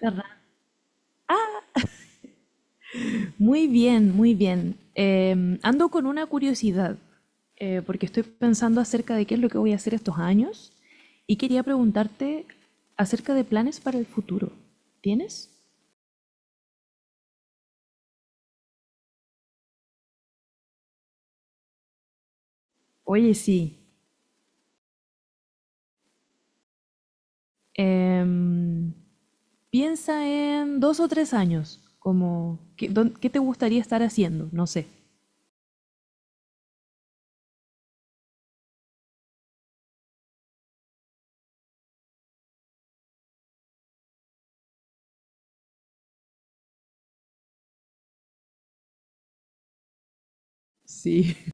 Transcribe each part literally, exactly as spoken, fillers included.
Ferran. Muy bien, muy bien. Eh, ando con una curiosidad, eh, porque estoy pensando acerca de qué es lo que voy a hacer estos años y quería preguntarte acerca de planes para el futuro. ¿Tienes? Oye, sí. Em, Piensa en dos o tres años, como, ¿qué, dón- qué te gustaría estar haciendo? No sé. Sí.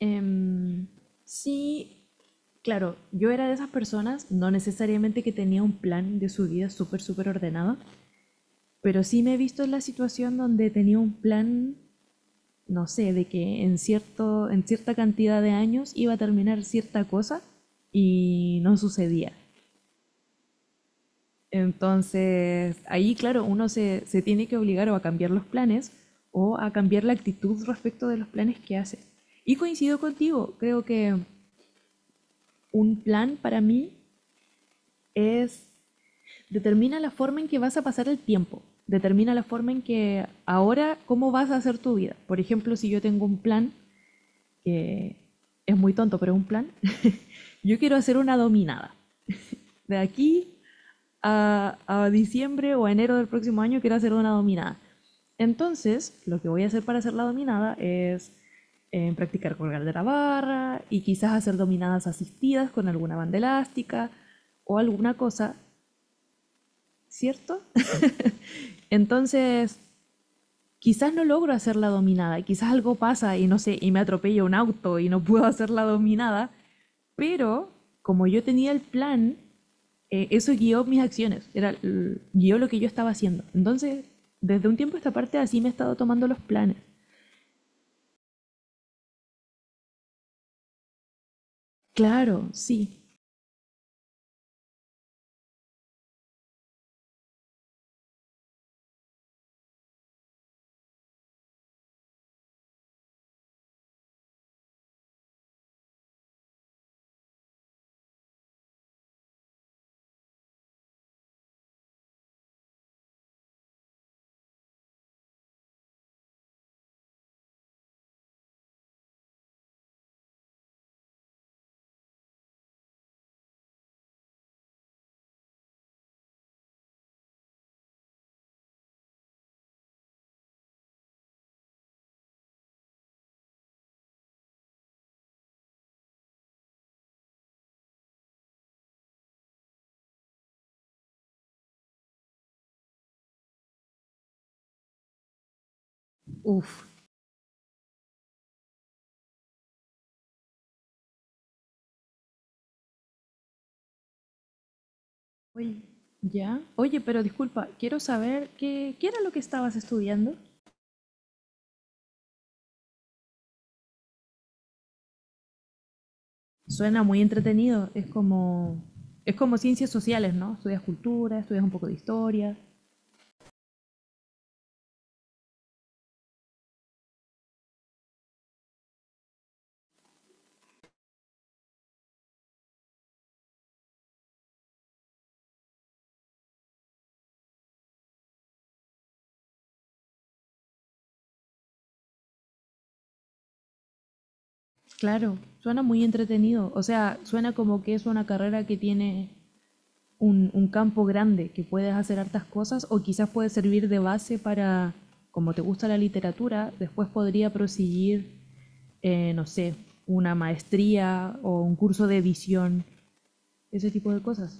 Em, sí, claro, yo era de esas personas, no necesariamente que tenía un plan de su vida súper, súper ordenado, pero sí me he visto en la situación donde tenía un plan, no sé, de que en, cierto, en cierta cantidad de años iba a terminar cierta cosa y no sucedía. Entonces, ahí, claro, uno se, se tiene que obligar o a cambiar los planes o a cambiar la actitud respecto de los planes que hace. Y coincido contigo, creo que un plan para mí es. Determina la forma en que vas a pasar el tiempo. Determina la forma en que ahora, cómo vas a hacer tu vida. Por ejemplo, si yo tengo un plan, que es muy tonto, pero es un plan, yo quiero hacer una dominada. De aquí a, a diciembre o a enero del próximo año quiero hacer una dominada. Entonces, lo que voy a hacer para hacer la dominada es eh, practicar colgar de la barra y quizás hacer dominadas asistidas con alguna banda elástica o alguna cosa, ¿cierto? Entonces, quizás no logro hacer la dominada, quizás algo pasa y no sé, y me atropella un auto y no puedo hacer la dominada, pero como yo tenía el plan, eh, eso guió mis acciones, era, guió lo que yo estaba haciendo. Entonces, desde un tiempo a esta parte así me he estado tomando los planes. Claro, sí. Uf. Oye, ya. Oye, pero disculpa, quiero saber qué, qué era lo que estabas estudiando. Suena muy entretenido, es como... Es como ciencias sociales, ¿no? Estudias cultura, estudias un poco de historia. Claro, suena muy entretenido. O sea, suena como que es una carrera que tiene un, un campo grande, que puedes hacer hartas cosas o quizás puede servir de base para, como te gusta la literatura, después podría proseguir, eh, no sé, una maestría o un curso de edición, ese tipo de cosas.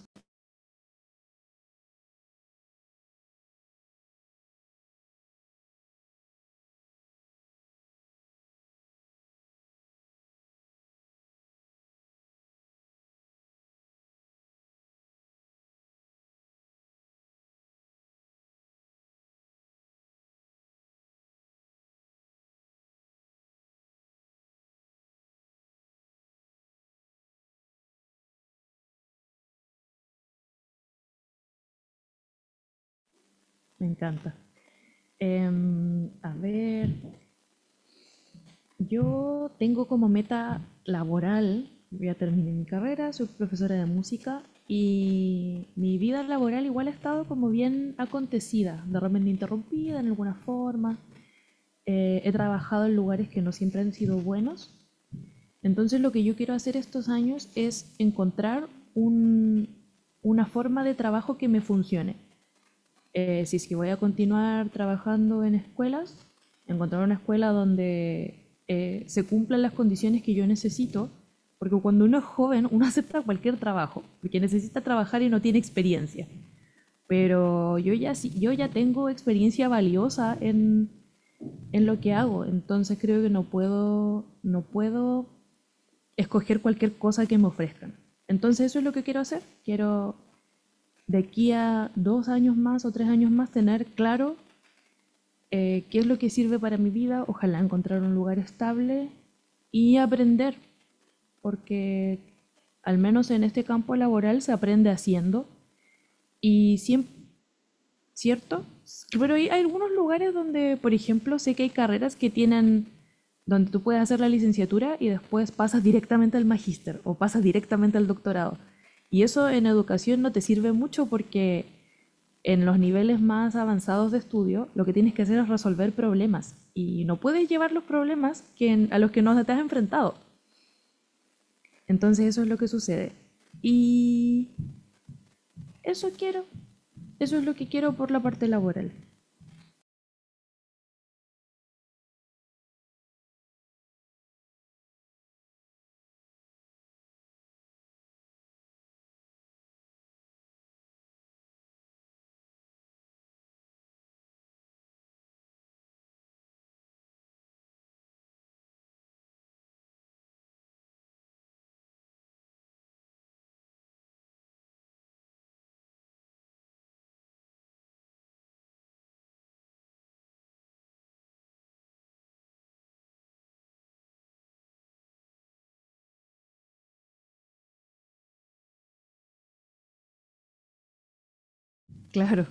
Me encanta. Em, a ver, yo tengo como meta laboral, yo ya terminé mi carrera, soy profesora de música y mi vida laboral igual ha estado como bien acontecida, de repente interrumpida en alguna forma. Eh, he trabajado en lugares que no siempre han sido buenos. Entonces lo que yo quiero hacer estos años es encontrar un, una forma de trabajo que me funcione, eh, si es que voy a continuar trabajando en escuelas, encontrar una escuela donde eh, se cumplan las condiciones que yo necesito, porque cuando uno es joven, uno acepta cualquier trabajo, porque necesita trabajar y no tiene experiencia. Pero yo ya, sí, yo ya tengo experiencia valiosa en, en lo que hago, entonces creo que no puedo, no puedo escoger cualquier cosa que me ofrezcan. Entonces eso es lo que quiero hacer. Quiero de aquí a dos años más o tres años más tener claro, eh, qué es lo que sirve para mi vida, ojalá encontrar un lugar estable y aprender, porque al menos en este campo laboral se aprende haciendo y siempre, ¿cierto? Pero hay, hay algunos lugares donde, por ejemplo, sé que hay carreras que tienen donde tú puedes hacer la licenciatura y después pasas directamente al magíster o pasas directamente al doctorado. Y eso en educación no te sirve mucho porque en los niveles más avanzados de estudio, lo que tienes que hacer es resolver problemas y no puedes llevar los problemas que a los que no te has enfrentado. Entonces eso es lo que sucede. Y eso quiero. Eso es lo que quiero por la parte laboral. Claro.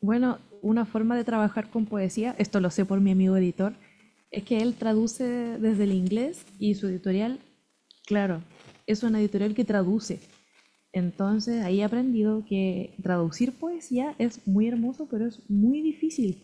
Bueno, una forma de trabajar con poesía, esto lo sé por mi amigo editor, es que él traduce desde el inglés y su editorial, claro, es una editorial que traduce. Entonces ahí he aprendido que traducir poesía es muy hermoso, pero es muy difícil.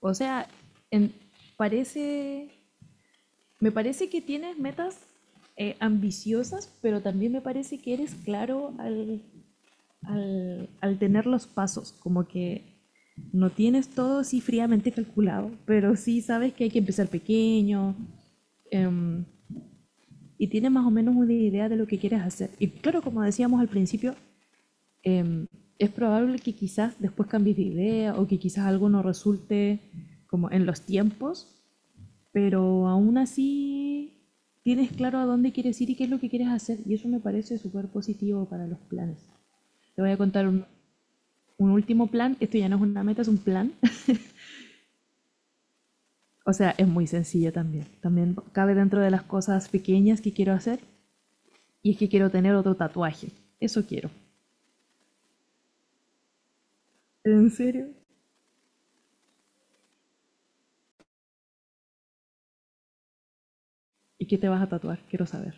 O sea, en- parece, me parece que tienes metas, eh, ambiciosas, pero también me parece que eres claro al al, al tener los pasos, como que no tienes todo así fríamente calculado, pero sí sabes que hay que empezar pequeño, em, y tienes más o menos una idea de lo que quieres hacer. Y claro, como decíamos al principio, em, es probable que quizás después cambies de idea o que quizás algo no resulte como en los tiempos, pero aún así tienes claro a dónde quieres ir y qué es lo que quieres hacer y eso me parece súper positivo para los planes. Te voy a contar un- un último plan, esto ya no es una meta, es un plan. O sea, es muy sencillo también. También cabe dentro de las cosas pequeñas que quiero hacer y es que quiero tener otro tatuaje. Eso quiero. ¿En serio? ¿Y qué te vas a tatuar? Quiero saber.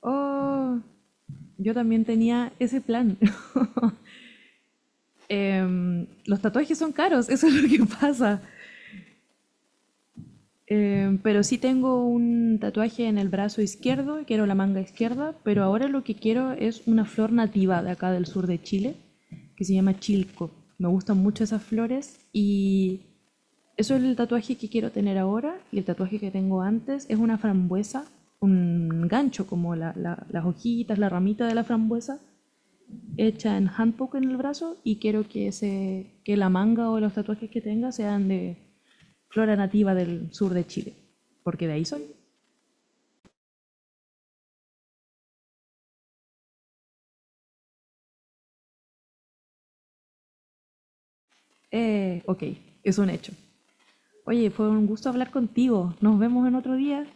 Oh, yo también tenía ese plan. Em, los tatuajes son caros, eso es lo que pasa. Eh, pero sí tengo un tatuaje en el brazo izquierdo, quiero la manga izquierda, pero ahora lo que quiero es una flor nativa de acá del sur de Chile, que se llama chilco. Me gustan mucho esas flores y eso es el tatuaje que quiero tener ahora y el tatuaje que tengo antes es una frambuesa, un gancho como la- la- las hojitas, la ramita de la frambuesa hecha en handpoke en el brazo y quiero que, ese que la manga o los tatuajes que tenga sean de flora nativa del sur de Chile, porque de ahí soy. Eh, ok, es un hecho. Oye, fue un gusto hablar contigo. Nos vemos en otro día.